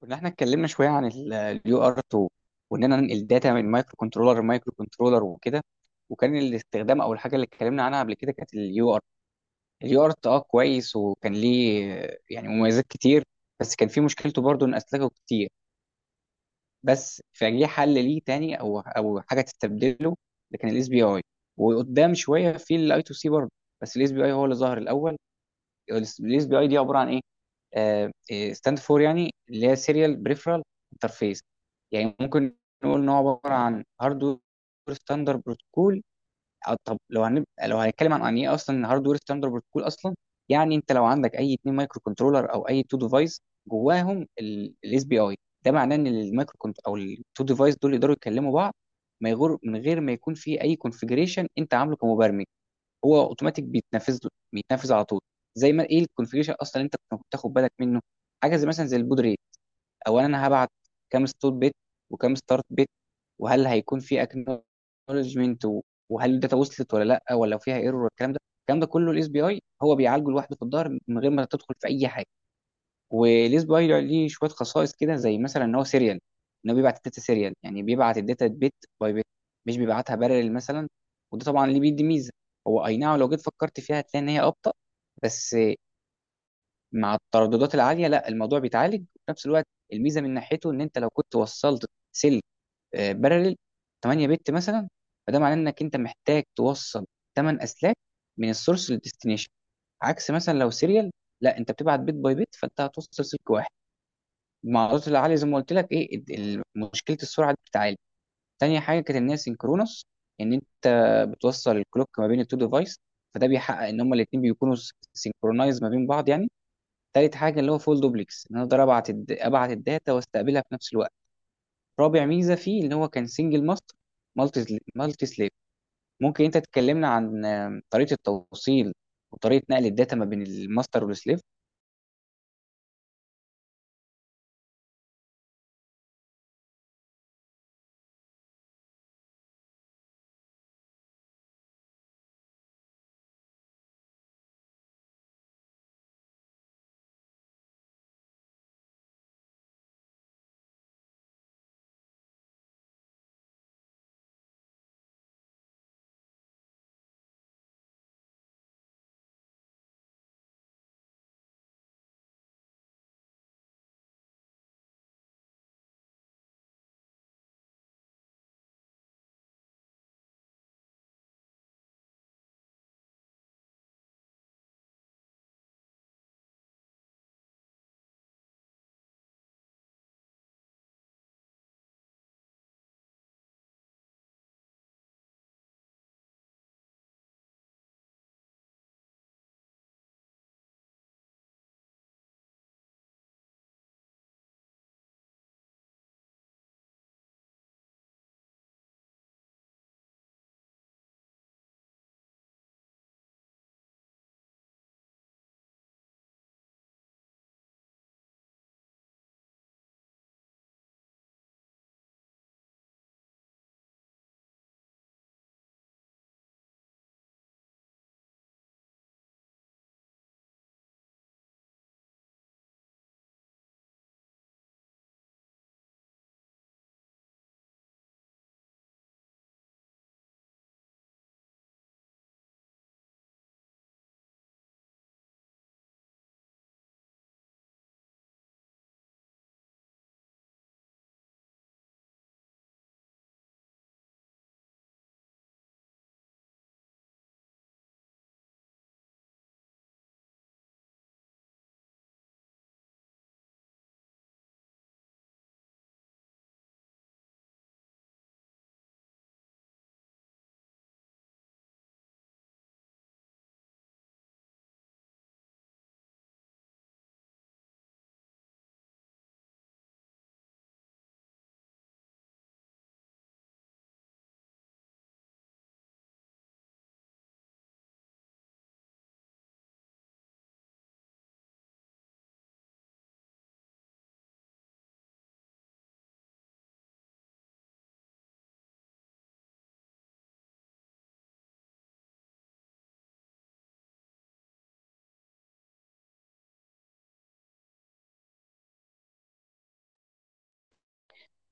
كنا احنا اتكلمنا شويه عن اليو ار 2 واننا ننقل داتا من مايكرو كنترولر لمايكرو كنترولر وكده. وكان الاستخدام او الحاجه اللي اتكلمنا عنها قبل كده كانت اليو ار، كويس، وكان ليه يعني مميزات كتير. بس كان في مشكلته برضو ان اسلاكه كتير، بس فجه حل ليه تاني او حاجه تستبدله، اللي كان الاس بي اي. وقدام شويه في الاي تو سي برضو، بس الاس بي اي هو اللي ظهر الاول. الاس بي اي دي عباره عن ايه؟ ستاند فور يعني اللي هي سيريال بريفرال انترفيس. يعني ممكن نقول ان هو عباره عن هاردوير ستاندر بروتوكول. أو طب لو هنبقى لو هنتكلم عن يعني ايه اصلا هاردوير ستاندر بروتوكول اصلا. يعني انت لو عندك اي اتنين مايكرو كنترولر او اي تو ديفايس، جواهم الاس بي اي، ده معناه ان المايكرو كنت او التو ديفايس دول يقدروا يكلموا بعض، ما يغر من غير ما يكون في اي كونفجريشن انت عامله كمبرمج. هو اوتوماتيك بيتنفذ على طول. زي ما ايه الكونفيجريشن اصلا اللي انت كنت بتاخد بالك منه، حاجه زي مثلا زي البود ريت. اولا انا هبعت كام ستوب بيت وكام ستارت بيت، وهل هيكون في اكنولجمنت، وهل الداتا وصلت ولا لا، ولا فيها ايرور، والكلام ده الكلام ده كله الاس بي اي هو بيعالجه لوحده في الظهر من غير ما تدخل في اي حاجه. وليه بايلر، ليه شويه خصائص كده، زي مثلا ان هو سيريال، ان هو بيبعت الداتا سيريال، يعني بيبعت الداتا بيت باي بيت، مش بيبعتها بارل مثلا. وده طبعا اللي بيدي ميزه. هو اي نعم لو جيت فكرت فيها هتلاقي ان هي ابطا، بس مع الترددات العاليه لا، الموضوع بيتعالج. وفي نفس الوقت، الميزه من ناحيته ان انت لو كنت وصلت سلك بارل 8 بت مثلا، فده معناه انك انت محتاج توصل 8 اسلاك من السورس للديستنيشن. عكس مثلا لو سيريال، لا، انت بتبعت بيت باي بيت فانت هتوصل سلك واحد، مع عرضة العالية زي ما قلت لك. ايه مشكلة السرعة دي بتتعالج. تاني حاجة كانت ان هي سينكرونس، ان انت بتوصل الكلوك ما بين التو ديفايس، فده بيحقق ان هما الاتنين بيكونوا سينكرونايز ما بين بعض يعني. تالت حاجة اللي هو فول دوبلكس، ان انا اقدر ابعت الداتا واستقبلها في نفس الوقت. رابع ميزة فيه ان هو كان سنجل ماستر مالتي سليف. ممكن انت تكلمنا عن طريقة التوصيل وطريقة نقل الداتا ما بين الماستر والسليف.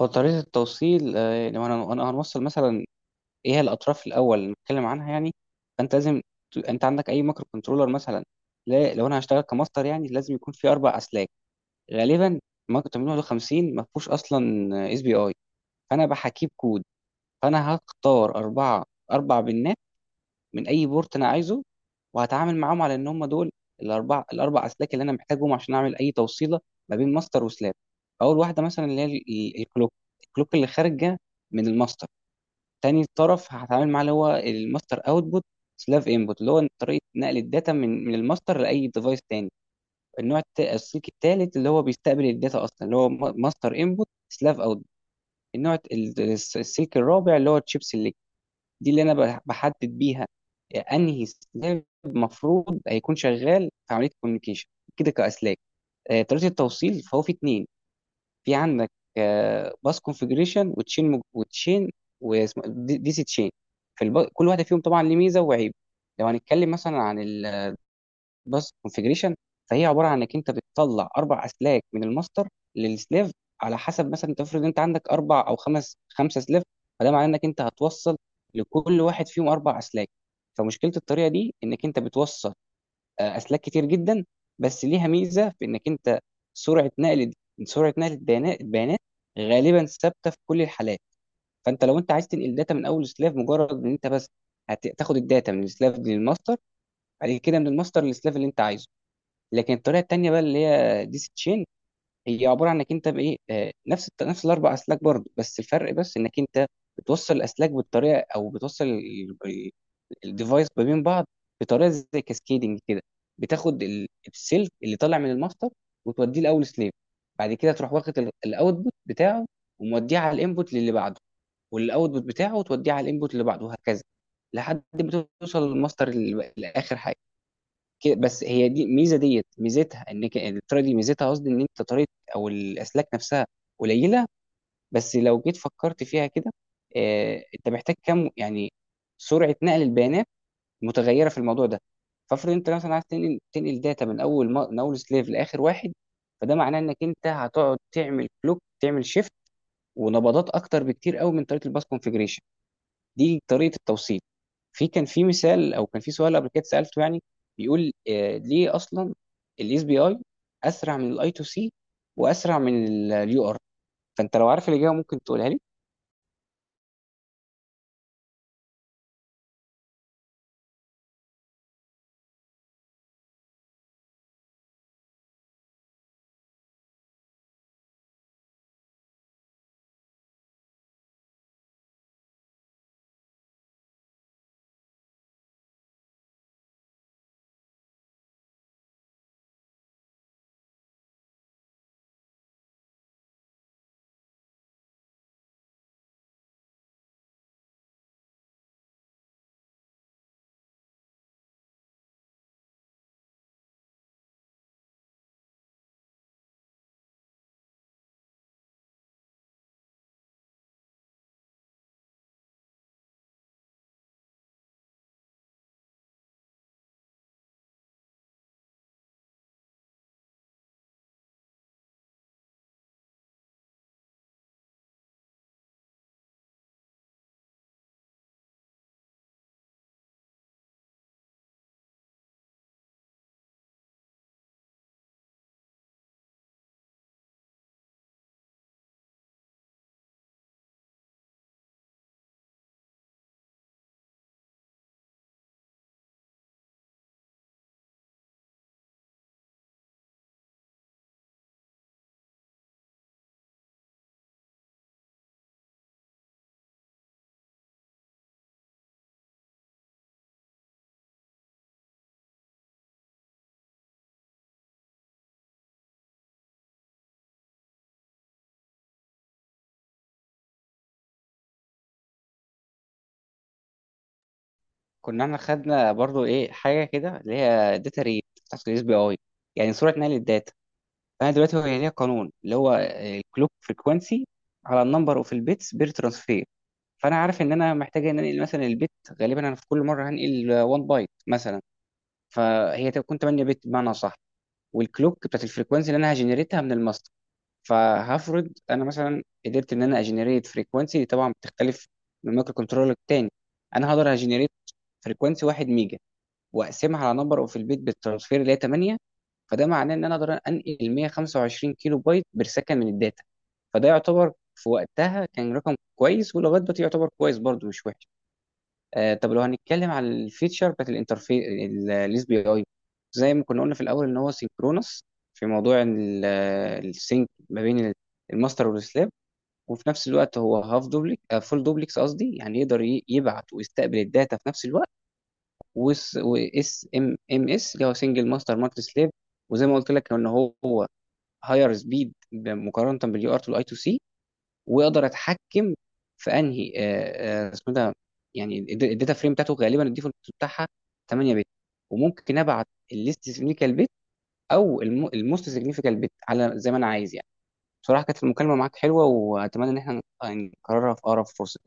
هو طريقة التوصيل، لو انا أنا هنوصل مثلا، ايه هي الاطراف الاول اللي نتكلم عنها يعني. فانت انت عندك اي مايكرو كنترولر مثلا. لا، لو انا هشتغل كماستر يعني لازم يكون في اربع اسلاك. غالبا مايكرو 851 ما فيهوش اصلا اس بي اي، فانا بحكيه بكود. فانا هختار اربعه، اربع بنات من اي بورت انا عايزه، وهتعامل معاهم على ان هم دول الاربع، اسلاك اللي انا محتاجهم عشان اعمل اي توصيله ما بين ماستر وسلاب. اول واحده مثلا اللي هي الكلوك، اللي خارجه من الماستر. تاني طرف هتعامل معاه اللي هو الماستر اوتبوت سلاف انبوت، اللي هو طريقه نقل الداتا من الماستر لاي ديفايس تاني. النوع السلوك الثالث اللي هو بيستقبل الداتا اصلا، اللي هو ماستر انبوت سلاف اوتبوت. النوع السلك الرابع اللي هو الشيب سيلكت، دي اللي انا بحدد بيها انهي سلاف المفروض هيكون شغال في عمليه الكوميونيكيشن، كده كاسلاك. طريقه التوصيل فهو في اثنين. في عندك باس كونفجريشن وتشين، واسمه دي دي سي تشين. في كل واحده فيهم طبعا ليه ميزه وعيب. لو هنتكلم مثلا عن الباس كونفجريشن، فهي عباره عن انك انت بتطلع اربع اسلاك من الماستر للسليف، على حسب مثلا انت افرض انت عندك اربع او خمسه سليف، فده معناه انك انت هتوصل لكل واحد فيهم اربع اسلاك. فمشكله الطريقه دي انك انت بتوصل اسلاك كتير جدا، بس ليها ميزه في انك انت، سرعه نقل سرعه نقل البيانات غالبا ثابته في كل الحالات. فانت لو انت عايز تنقل داتا من اول سلاف، مجرد ان انت بس هتاخد الداتا من السلاف دي للماستر، بعد كده من الماستر للسلاف اللي انت عايزه. لكن الطريقه التانيه بقى اللي هي ديس تشين، هي عباره عن انك انت بايه، نفس الاربع اسلاك برضه، بس الفرق بس انك انت بتوصل الاسلاك بالطريقه، او بتوصل الديفايس ما بين بعض بطريقه زي كاسكيدنج كده. بتاخد السلك اللي طالع من الماستر وتوديه لاول سليف، بعد كده تروح واخد الاوتبوت بتاعه وموديه على الانبوت للي بعده، والاوتبوت بتاعه وتوديه على الانبوت اللي بعده وهكذا، لحد ما توصل للماستر الاخر. كده بس. هي دي ميزه، ديت ميزتها انك الطريقه دي ميزتها قصدي، ان انت طريقه او الاسلاك نفسها قليله. بس لو جيت فكرت فيها كده، آه انت محتاج كم يعني، سرعه نقل البيانات متغيره في الموضوع ده. فافرض انت مثلا عايز تنقل داتا من اول ما من اول سليف لاخر واحد، فده معناه انك انت هتقعد تعمل كلوك، تعمل شيفت ونبضات اكتر بكتير قوي من طريقه الباس كونفيجريشن. دي طريقه التوصيل. في كان في مثال او كان في سؤال قبل كده سالته يعني، بيقول ليه اصلا الاس بي اي اسرع من الاي تو سي، واسرع من اليو ار؟ فانت لو عارف الاجابه ممكن تقولها لي. كنا احنا خدنا برضو ايه حاجه كده اللي هي داتا ريت بتاعت الاس بي اي، يعني سرعه نقل الداتا. فانا دلوقتي هو ليها قانون اللي هو الكلوك فريكوانسي على النمبر اوف البيتس بير ترانسفير. فانا عارف ان انا محتاج ان انقل مثلا البيت، غالبا انا في كل مره هنقل 1 بايت مثلا، فهي تكون 8 بت بمعنى صح. والكلوك بتاعت الفريكونسي اللي انا هجنريتها من الماستر، فهفرض انا مثلا قدرت ان انا اجنريت فريكونسي، دي طبعا بتختلف من مايكرو كنترولر للتاني. انا هقدر اجنريت فريكونسي 1 ميجا، واقسمها على نمبر اوف البيت بالترانسفير اللي هي 8، فده معناه ان انا اقدر انقل 125 كيلو بايت برسكن من الداتا. فده يعتبر في وقتها كان رقم كويس، ولغايه دلوقتي يعتبر كويس برضه مش وحش. آه طب لو هنتكلم على الفيتشر بتاعت الانترفيس الاس بي اي، زي ما كنا قلنا في الاول ان هو سينكرونس في موضوع السينك ما بين الماستر والسلاب. وفي نفس الوقت هو هاف دوبليك فول دوبليكس قصدي، يعني يقدر يبعت ويستقبل الداتا في نفس الوقت. واس ام ام اس اللي هو سنجل ماستر مالتي سلاب. وزي ما قلت لك ان هو هاير سبيد مقارنه باليو ار تو الاي تو سي. واقدر اتحكم في انهي اسمه ده، يعني الداتا فريم بتاعته، غالبا الديفولت بتاعها 8 بت، وممكن ابعت الليست سيجنيفيكال بت او الموست سيجنيفيكال بت على زي ما انا عايز يعني. بصراحه كانت المكالمه معاك حلوه، واتمنى ان احنا نكررها في اقرب فرصه.